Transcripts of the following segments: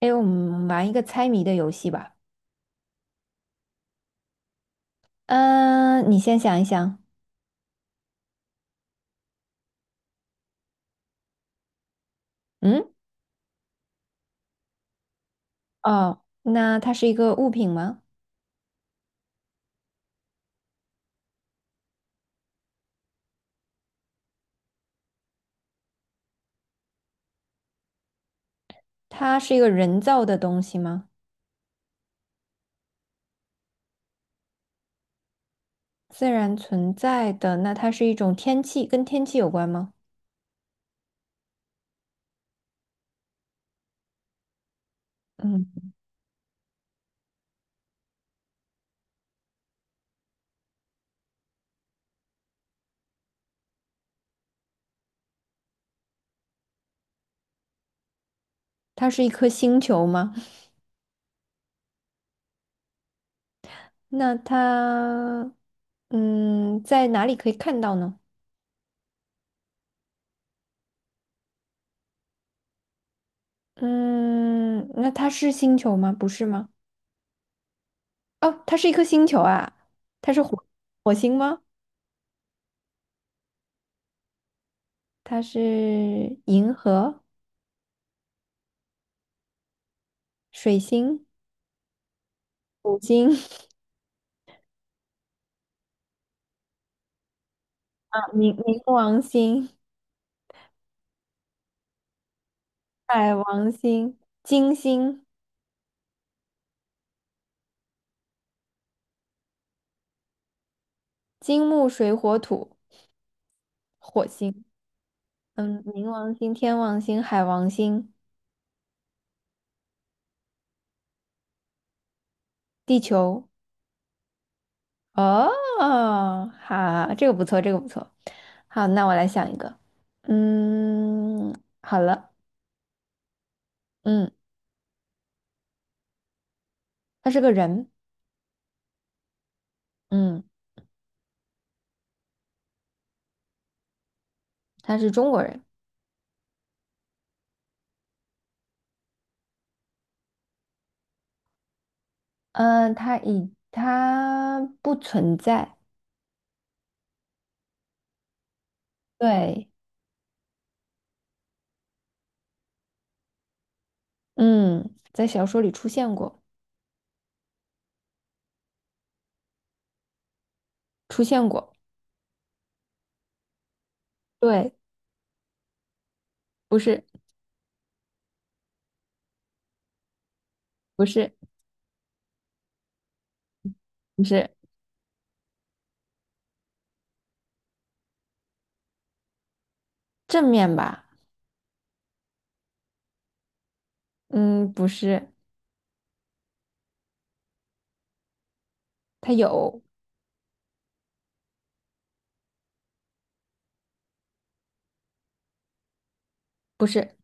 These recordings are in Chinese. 哎，我们玩一个猜谜的游戏吧。嗯，你先想一想。嗯，哦，那它是一个物品吗？它是一个人造的东西吗？自然存在的，那它是一种天气，跟天气有关吗？嗯，它是一颗星球吗？那它，嗯，在哪里可以看到呢？嗯，那它是星球吗？不是吗？哦，它是一颗星球啊，它是火星吗？它是银河、水星。土星啊 冥王星、海王星、金星、金木水火土、火星，嗯，冥王星、天王星、海王星、地球。哦，好，这个不错，这个不错。好，那我来想一个。嗯，好了，嗯，他是个人，嗯，他是中国人，嗯，他不存在，对，嗯，在小说里出现过，出现过，对。不是，不是，不是正面吧？嗯，不是，它有，不是，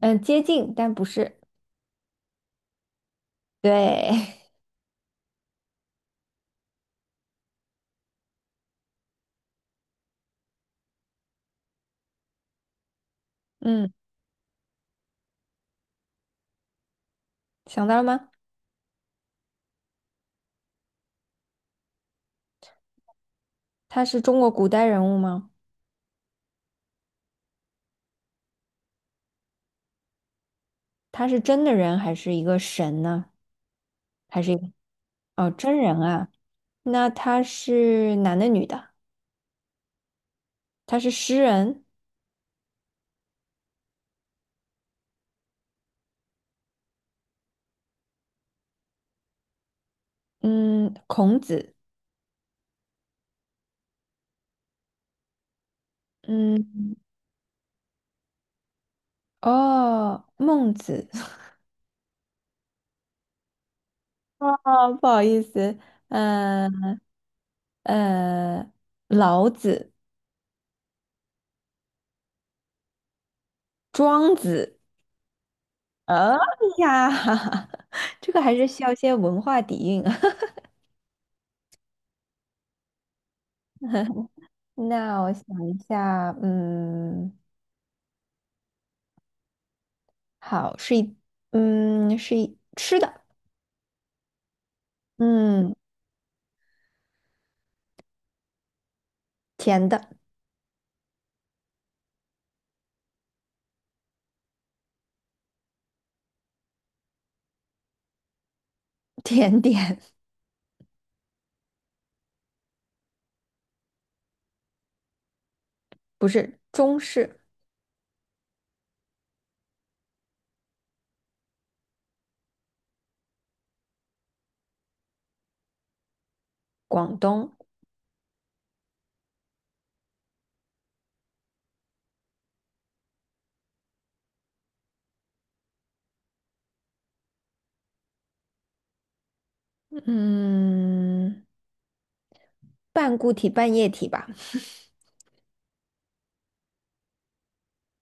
嗯，接近，但不是。对，嗯，想到了吗？他是中国古代人物吗？他是真的人还是一个神呢？还是一个哦，真人啊？那他是男的女的？他是诗人，嗯，孔子，嗯，哦，孟子，哦，不好意思，嗯呃，老子、庄子。哎呀，这个还是需要一些文化底蕴啊。那我想一下，嗯，好，是一，嗯，是一吃的，嗯，甜的，甜点，不是中式，广东，嗯，半固体半液体吧，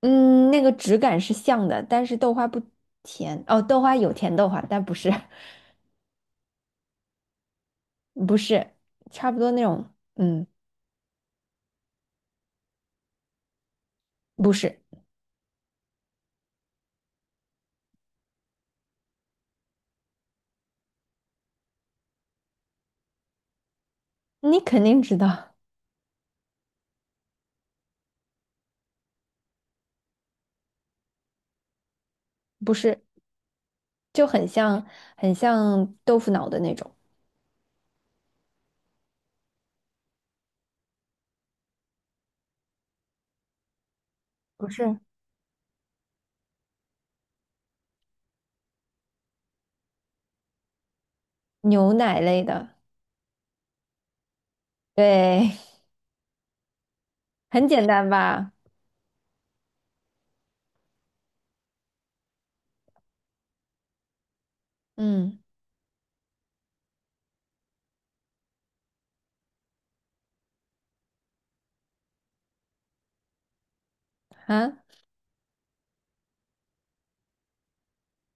嗯，那个质感是像的，但是豆花不甜，哦，豆花有甜豆花，但不是，不是，差不多那种，嗯，不是，你肯定知道，不是。就很像很像豆腐脑的那种，不是，牛奶类的，对，很简单吧？嗯啊，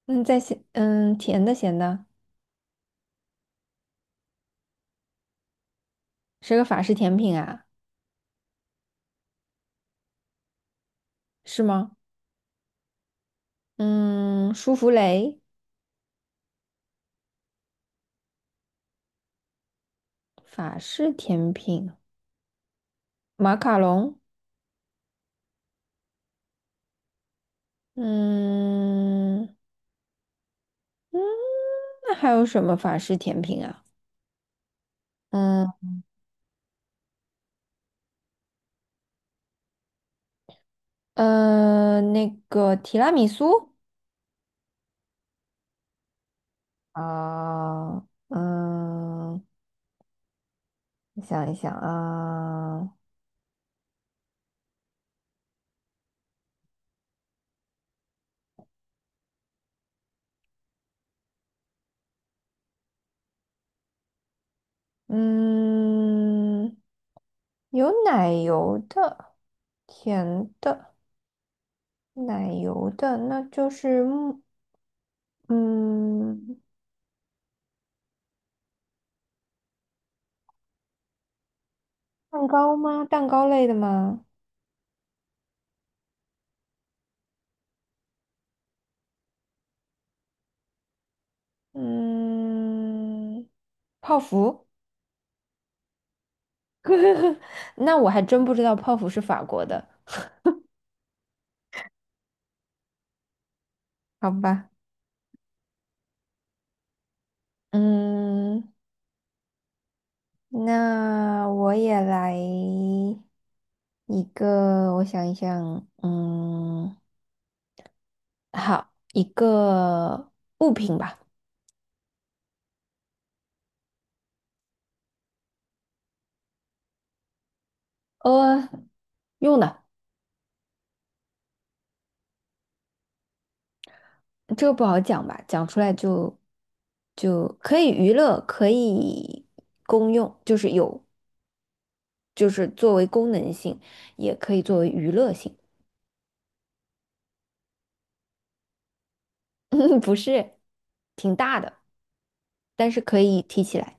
嗯，在咸，嗯，甜的咸的，是个法式甜品啊，是吗？嗯，舒芙蕾，法式甜品，马卡龙，嗯嗯，那还有什么法式甜品啊？嗯嗯，那个提拉米苏。啊、嗯，我想一想啊、嗯，有奶油的，甜的，奶油的，那就是木嗯，蛋糕吗？蛋糕类的吗？嗯，泡芙。那我还真不知道泡芙是法国的，好吧。嗯，那我也来一个，我想一想，嗯。好，一个物品吧，呃，用的，这个不好讲吧，讲出来就可以娱乐，可以公用，就是有，就是作为功能性，也可以作为娱乐性，不是挺大的，但是可以提起来，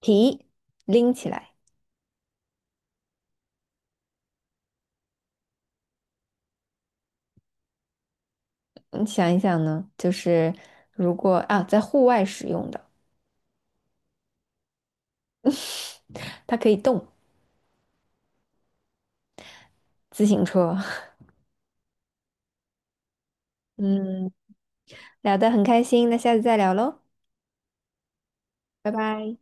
提，拎起来。你想一想呢，就是如果啊，在户外使用的，它可以动，自行车。嗯，聊得很开心，那下次再聊喽。拜拜。